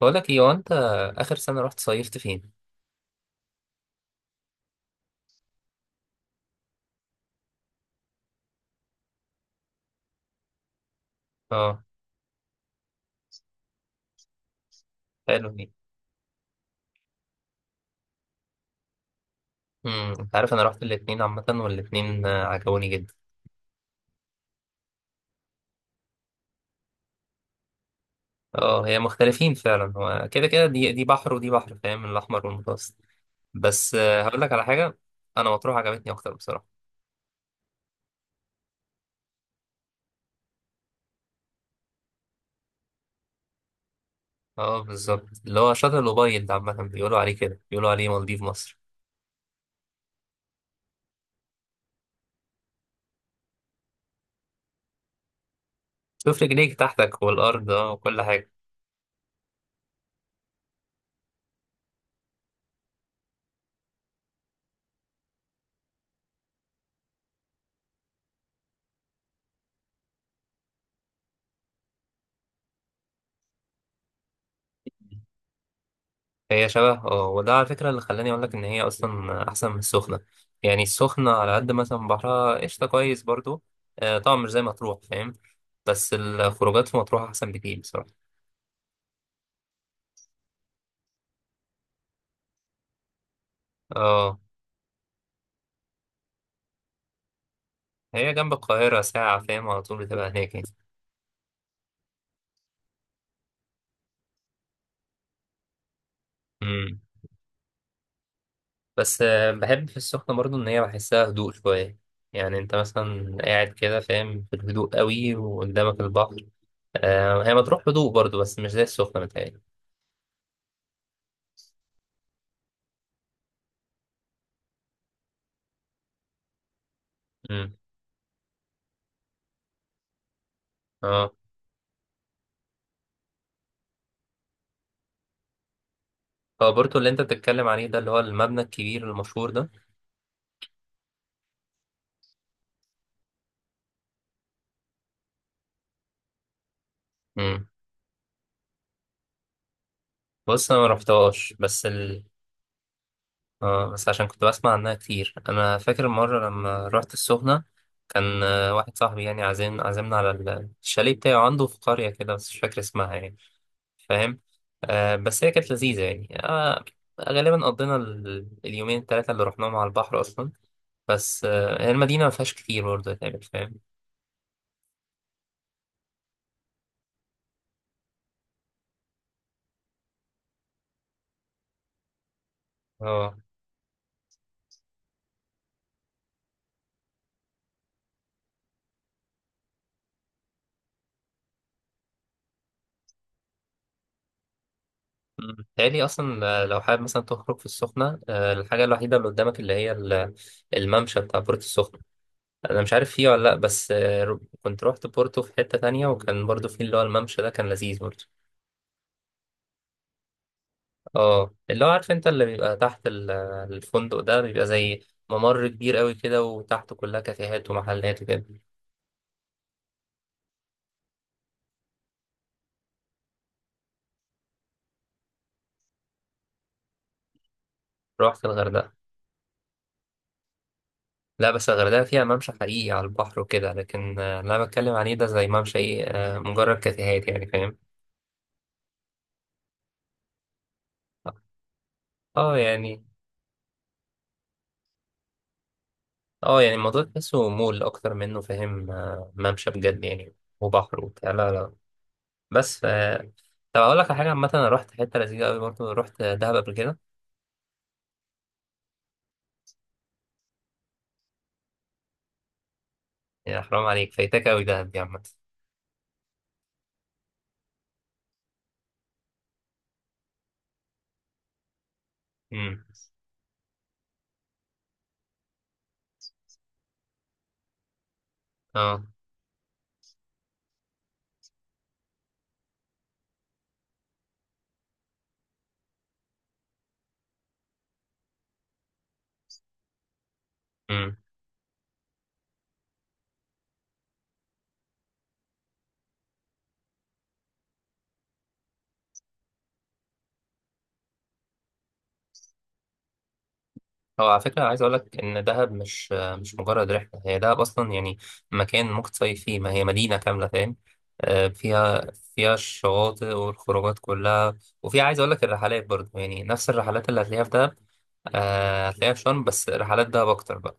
بقول لك ايه، هو انت اخر سنه رحت صيفت فين؟ اه. حلو دي. انت عارف انا رحت الاتنين عامه، والاتنين عجبوني جدا. اه، هي مختلفين فعلا. هو كده كده دي بحر ودي بحر، فاهم؟ الاحمر والمتوسط. بس هقول لك على حاجه. انا مطروح عجبتني اكتر بصراحه. اه، بالظبط. اللي هو شاطئ الأوبايد ده عامه بيقولوا عليه كده، بيقولوا عليه مالديف مصر. شوف رجليك تحتك والارض، اه، وكل حاجه. هي شبه، اه، وده على فكرة اللي خلاني أقولك إن هي أصلا أحسن من السخنة. يعني السخنة على قد مثلا، بحرها قشطة كويس برضو. طبعا مش زي مطروح، فاهم؟ بس الخروجات في مطروح أحسن بكتير بصراحة. اه، هي جنب القاهرة ساعة، فاهم؟ على طول بتبقى هناك يعني. مم. بس بحب في السخنة برضو إن هي بحسها هدوء شوية. يعني أنت مثلا قاعد كده، فاهم؟ في الهدوء قوي وقدامك البحر. هي مطروح هدوء برضو، بس مش زي السخنة متهيألي. مم. اه، هو بورتو اللي انت بتتكلم عليه ده اللي هو المبنى الكبير المشهور ده؟ امم بص انا ما رحتهاش، اه، بس عشان كنت بسمع عنها كتير، انا فاكر مرة لما رحت السخنة. كان واحد صاحبي يعني عازمنا على الشاليه بتاعه عنده في قرية كده، بس مش فاكر اسمها يعني، فاهم؟ بس هي كانت لذيذة يعني غالبا قضينا اليومين التلاتة اللي رحناهم على البحر أصلا. بس هي المدينة ما فيهاش كتير برضه يعني، فاهم؟ اه. مم. تاني اصلا لو حابب مثلا تخرج في السخنه الحاجه الوحيده اللي قدامك اللي هي الممشى بتاع بورتو السخنه. انا مش عارف فيه ولا لا، بس كنت روحت بورتو في حته تانية، وكان برضو فيه اللي هو الممشى ده كان لذيذ برضو. اه، اللي هو عارف انت اللي بيبقى تحت الفندق ده بيبقى زي ممر كبير قوي كده، وتحته كلها كافيهات ومحلات وكده. روحت الغردقه. لا، بس الغردقه فيها ممشى حقيقي على البحر وكده، لكن اللي انا بتكلم عليه ده زي ممشى ايه مجرد كافيهات يعني، فاهم؟ اه يعني. اه يعني الموضوع تحسه مول اكتر منه، فاهم؟ ممشى بجد يعني وبحر وبتاع، لا، لا. بس ف طب، اقول لك على حاجه عامه، انا رحت حته لذيذه قوي برضه، رحت دهب قبل كده. يا حرام عليك، فايتك قوي دهب دي عامه. امم اه، هو على فكرة عايز أقول لك إن دهب مش مجرد رحلة، هي دهب أصلا يعني مكان ممكن تصيف فيه، ما هي مدينة كاملة، فاهم؟ فيها الشواطئ والخروجات كلها. وفي عايز أقول لك الرحلات برضه، يعني نفس الرحلات اللي هتلاقيها في دهب هتلاقيها في شرم، بس رحلات دهب أكتر بقى.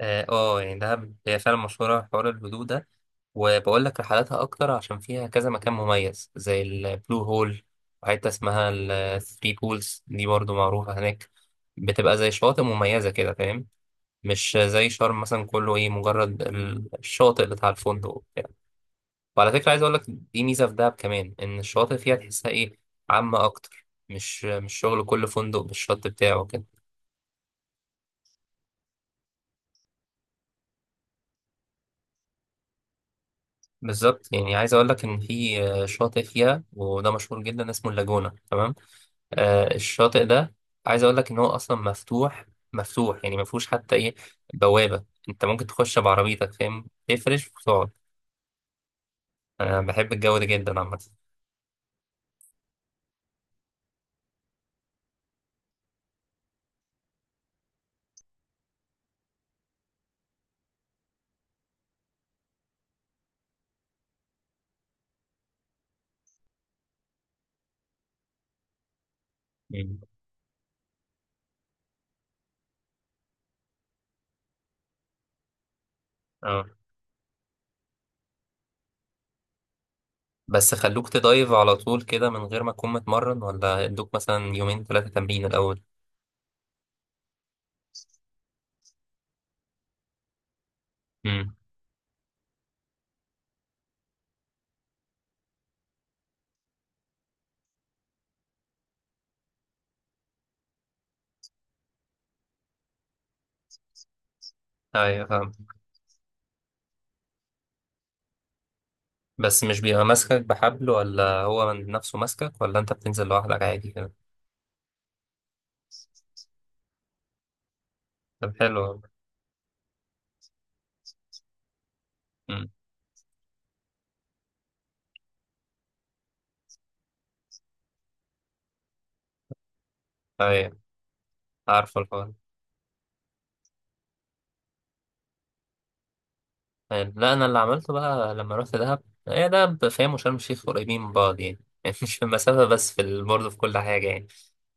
اه، يعني دهب هي فعلا مشهورة بحوار الهدوء ده. وبقول لك رحلاتها أكتر عشان فيها كذا مكان مميز زي البلو هول، وحتة اسمها الثري بولز دي برضو معروفة هناك. بتبقى زي شواطئ مميزة كده، فاهم؟ مش زي شرم مثلا كله ايه، مجرد الشاطئ بتاع الفندق وبتاع. وعلى فكرة عايز أقول لك دي ميزة في دهب كمان، إن الشواطئ فيها تحسها ايه، عامة أكتر، مش شغل كل فندق بالشط بتاعه كده. بالظبط، يعني عايز اقول لك ان في شاطئ فيها وده مشهور جدا اسمه اللاجونة، تمام. الشاطئ ده عايز اقول لك ان هو اصلا مفتوح. مفتوح، يعني ما فيهوش حتى ايه، بوابة. انت ممكن تخش بعربيتك، فاهم؟ تفرش وتقعد. انا بحب الجو ده جدا عامة. مم. اه، بس خلوك تدايف على طول كده من غير ما تكون متمرن، ولا ادوك مثلا يومين ثلاثة تمرين الاول؟ امم ايوه، فاهم. بس مش بيبقى ماسكك بحبل، ولا هو من نفسه ماسكك، ولا انت بتنزل لوحدك عادي كده؟ طب، حلو. والله. أيوة، عارفة الحوار. يعني، لا، أنا اللي عملته بقى لما رحت دهب. هي دهب، فاهم؟ وشرم الشيخ قريبين من بعض يعني يعني مش في المسافة بس في برضه في كل حاجة يعني.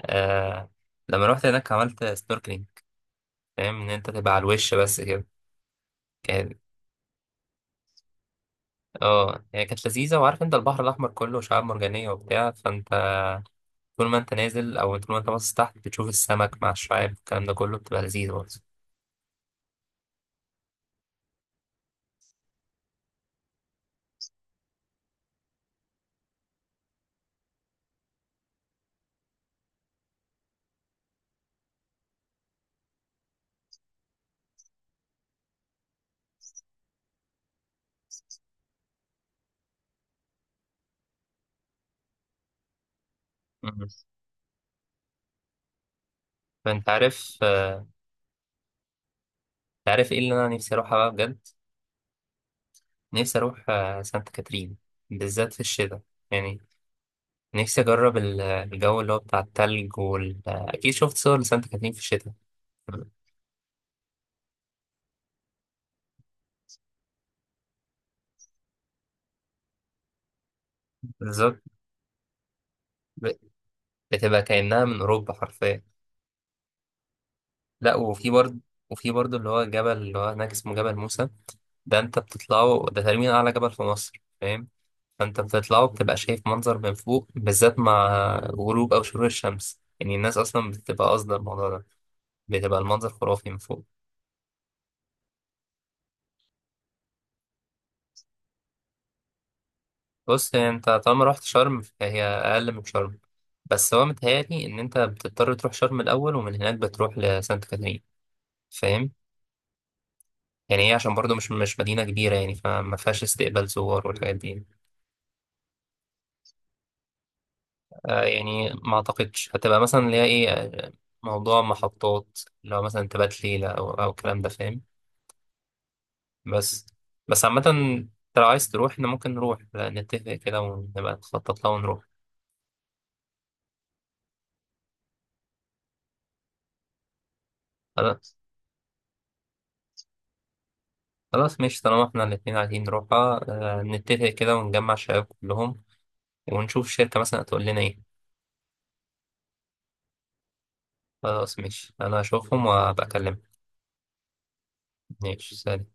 آه لما رحت هناك عملت سنوركلينج، فاهم؟ إن أنت تبقى على الوش بس كده. كان اه، هي كانت لذيذة، وعارف أنت البحر الأحمر كله شعاب مرجانية وبتاع، فأنت طول ما أنت نازل أو طول ما أنت باصص تحت بتشوف السمك مع الشعاب، الكلام ده كله بتبقى لذيذ برضه. مم. فأنت عارف أنت عارف إيه اللي أنا نفسي أروحها بقى بجد؟ نفسي أروح سانت كاترين، بالذات في الشتاء. يعني نفسي أجرب الجو اللي هو بتاع التلج وال آه، أكيد شفت صور لسانت كاترين في الشتاء. بالظبط. ب- بتبقى كأنها من أوروبا حرفيا. لا، وفي برضه، وفي برضه اللي هو جبل اللي هو هناك اسمه جبل موسى. ده أنت بتطلعه، ده تقريبا أعلى جبل في مصر، فاهم؟ فأنت بتطلعه بتبقى شايف منظر من فوق، بالذات مع غروب أو شروق الشمس، يعني الناس أصلا بتبقى قاصدة الموضوع ده. بتبقى المنظر خرافي من فوق. بص، هي انت طالما رحت شرم فهي اقل من شرم، بس هو متهيألي ان انت بتضطر تروح شرم الاول، ومن هناك بتروح لسانت كاترين، فاهم؟ يعني هي عشان برضو مش مدينه كبيره يعني، فما فيهاش استقبال زوار والحاجات دي. يعني ما اعتقدش هتبقى مثلا اللي هي ايه موضوع محطات اللي هو مثلا تبات ليله او الكلام ده، فاهم؟ بس بس عامه، انت لو عايز تروح احنا ممكن نروح، لا، نتفق كده ونبقى نخطط لها ونروح. خلاص ماشي، طالما احنا الاتنين عايزين نروحها، نتفق كده ونجمع الشباب كلهم، ونشوف الشركة مثلا هتقول لنا ايه. خلاص ماشي، انا هشوفهم وابقى اكلمك. ماشي، سلام.